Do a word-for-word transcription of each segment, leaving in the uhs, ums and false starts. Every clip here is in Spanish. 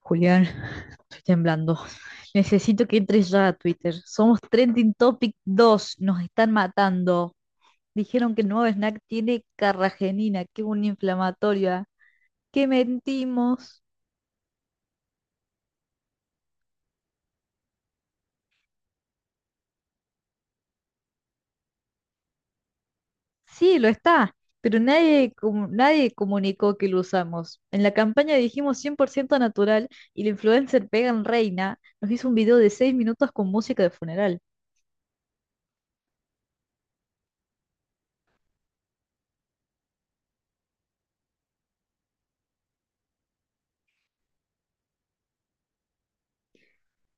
Julián, estoy temblando. Necesito que entres ya a Twitter. Somos Trending Topic dos. Nos están matando. Dijeron que el nuevo snack tiene carragenina, que es una inflamatoria. ¡Qué mentimos! Sí, lo está, pero nadie, comu- nadie comunicó que lo usamos. En la campaña dijimos cien por ciento natural y la influencer Pegan Reina nos hizo un video de seis minutos con música de funeral.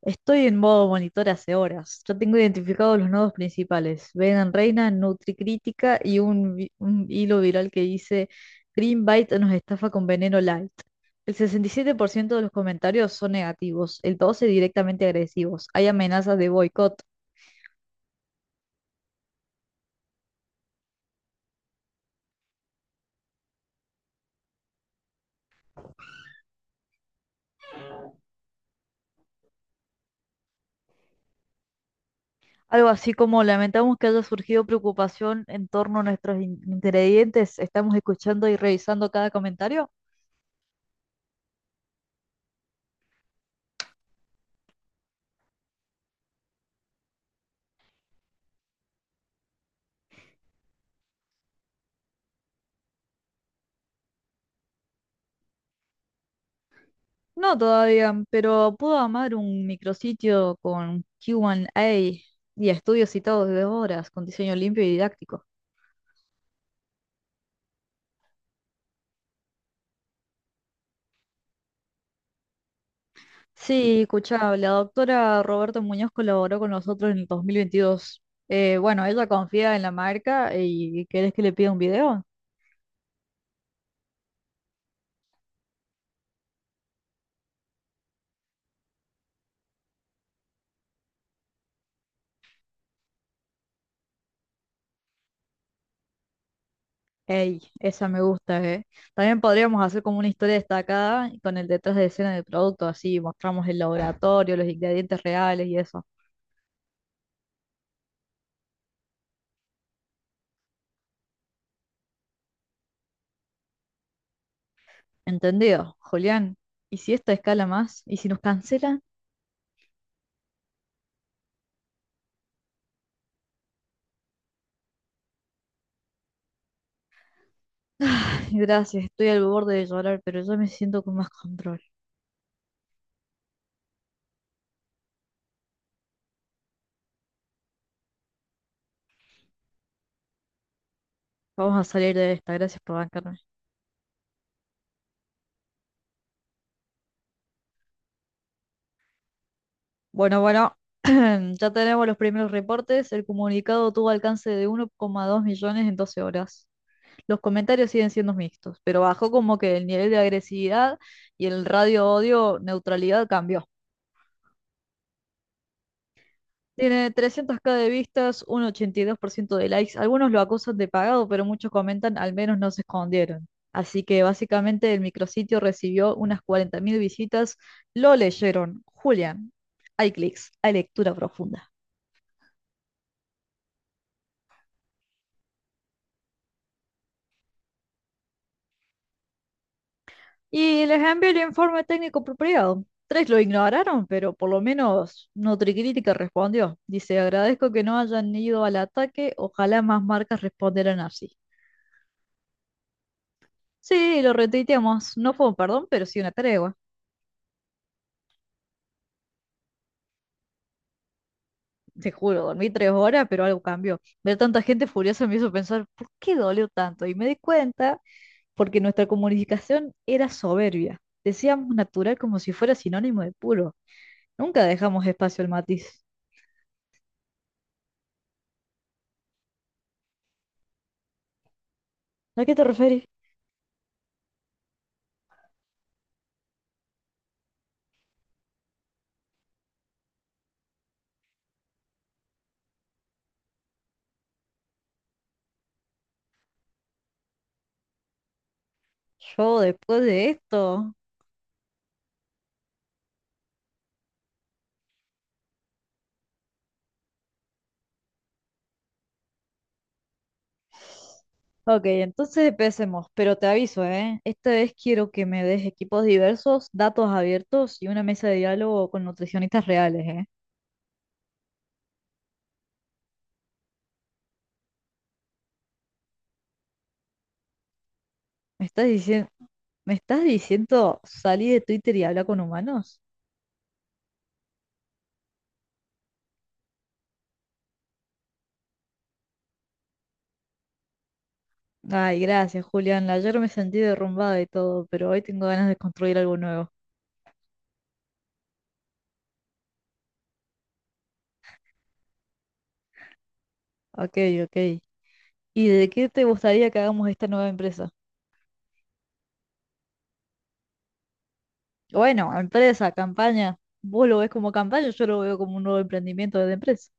Estoy en modo monitor hace horas. Ya tengo identificados los nodos principales. Venom Reina, NutriCrítica y un, vi- un hilo viral que dice Greenbite nos estafa con veneno light. El sesenta y siete por ciento de los comentarios son negativos, el doce por ciento directamente agresivos. Hay amenazas de boicot. Algo así como lamentamos que haya surgido preocupación en torno a nuestros in- ingredientes. Estamos escuchando y revisando cada comentario. No todavía, pero puedo amar un micrositio con Q uno A y estudios citados de horas con diseño limpio y didáctico. Sí, escuchá, la doctora Roberta Muñoz colaboró con nosotros en el dos mil veintidós. Eh, bueno, ella confía en la marca. Y ¿querés que le pida un video? Ey, esa me gusta, ¿eh? También podríamos hacer como una historia destacada con el detrás de escena del producto, así mostramos el laboratorio, los ingredientes reales y eso. ¿Entendido, Julián? ¿Y si esta escala más? ¿Y si nos cancelan? Ay, gracias, estoy al borde de llorar, pero yo me siento con más control. Vamos a salir de esta, gracias por bancarme. Bueno, bueno, ya tenemos los primeros reportes. El comunicado tuvo alcance de uno coma dos millones en doce horas. Los comentarios siguen siendo mixtos, pero bajó como que el nivel de agresividad y el radio odio neutralidad cambió. Tiene trescientos ka de vistas, un ochenta y dos por ciento de likes. Algunos lo acusan de pagado, pero muchos comentan al menos no se escondieron. Así que básicamente el micrositio recibió unas cuarenta mil visitas. Lo leyeron. Julián, hay clics, hay lectura profunda. Y les envié el informe técnico apropiado. Tres lo ignoraron, pero por lo menos Nutricrítica respondió. Dice, agradezco que no hayan ido al ataque, ojalá más marcas respondieran así. Sí, lo retuiteamos. No fue un perdón, pero sí una tregua. Te juro, dormí tres horas, pero algo cambió. Ver tanta gente furiosa me hizo pensar, ¿por qué dolió tanto? Y me di cuenta porque nuestra comunicación era soberbia. Decíamos natural como si fuera sinónimo de puro. Nunca dejamos espacio al matiz. ¿A qué te referís? Yo después de esto. Ok, entonces empecemos, pero te aviso, ¿eh? Esta vez quiero que me des equipos diversos, datos abiertos y una mesa de diálogo con nutricionistas reales, ¿eh? ¿Me estás diciendo, me estás diciendo, salí de Twitter y habla con humanos? Ay, gracias, Julián. Ayer me sentí derrumbada y todo, pero hoy tengo ganas de construir algo nuevo. Ok, ok. ¿Y de qué te gustaría que hagamos esta nueva empresa? Bueno, empresa, campaña. Vos lo ves como campaña, yo lo veo como un nuevo emprendimiento de empresa.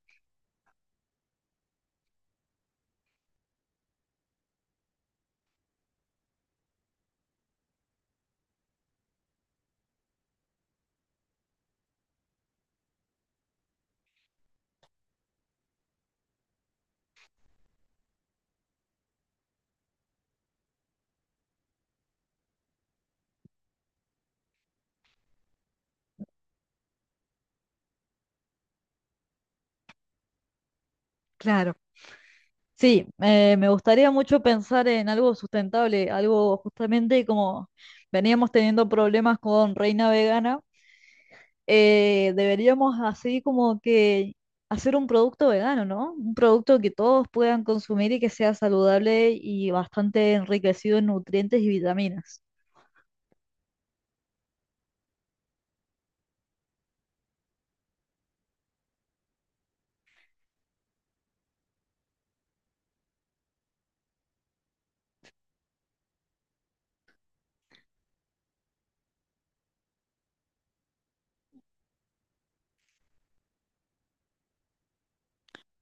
Claro. Sí, eh, me gustaría mucho pensar en algo sustentable, algo justamente como veníamos teniendo problemas con Reina Vegana. Eh, deberíamos así como que hacer un producto vegano, ¿no? Un producto que todos puedan consumir y que sea saludable y bastante enriquecido en nutrientes y vitaminas.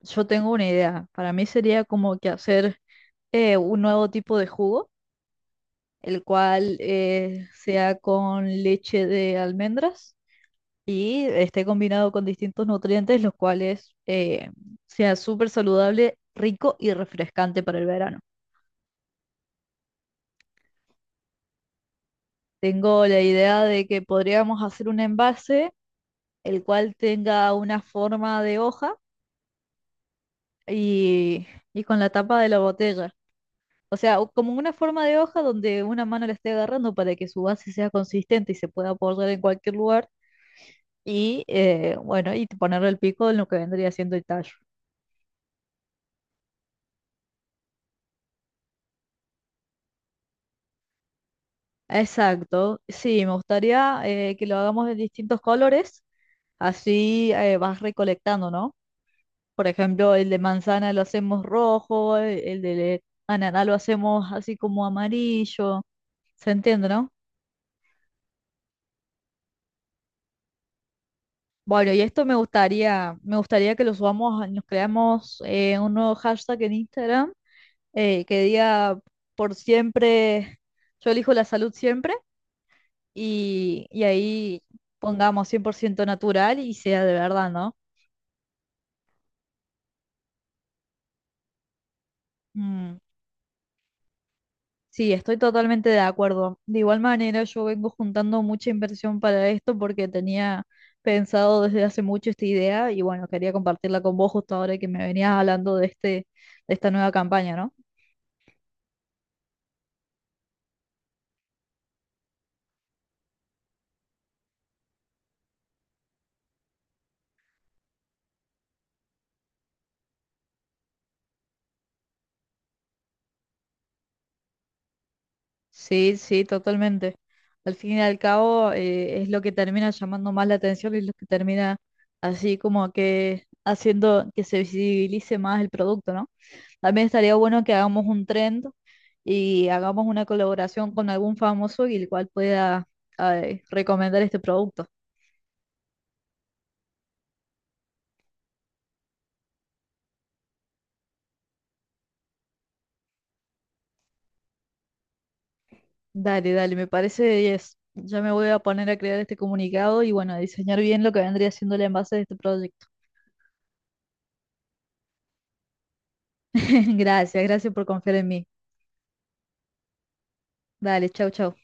Yo tengo una idea. Para mí sería como que hacer eh, un nuevo tipo de jugo, el cual eh, sea con leche de almendras y esté combinado con distintos nutrientes, los cuales eh, sea súper saludable, rico y refrescante para el verano. Tengo la idea de que podríamos hacer un envase el cual tenga una forma de hoja y, y con la tapa de la botella. O sea, o- como una forma de hoja donde una mano la esté agarrando para que su base sea consistente y se pueda apoyar en cualquier lugar. Y eh, bueno, y ponerle el pico en lo que vendría siendo el tallo. Exacto, sí, me gustaría eh, que lo hagamos de distintos colores, así eh, vas recolectando, ¿no? Por ejemplo, el de manzana lo hacemos rojo, e, el de ananá lo hacemos así como amarillo. ¿Se entiende, no? Bueno, y esto me gustaría, me gustaría que lo subamos, nos creamos eh, un nuevo hashtag en Instagram eh, que diga por siempre, yo elijo la salud siempre y, y ahí pongamos cien por ciento natural y sea de verdad, ¿no? Mm. Sí, estoy totalmente de acuerdo. De igual manera, yo vengo juntando mucha inversión para esto porque tenía pensado desde hace mucho esta idea y bueno, quería compartirla con vos justo ahora que me venías hablando de este, de esta nueva campaña, ¿no? Sí, sí, totalmente. Al fin y al cabo, eh, es lo que termina llamando más la atención y es lo que termina así como que haciendo que se visibilice más el producto, ¿no? También estaría bueno que hagamos un trend y hagamos una colaboración con algún famoso y el cual pueda eh, recomendar este producto. Dale, dale, me parece diez. Ya me voy a poner a crear este comunicado y bueno, a diseñar bien lo que vendría siendo el envase de este proyecto. Gracias, gracias por confiar en mí. Dale, chau, chau.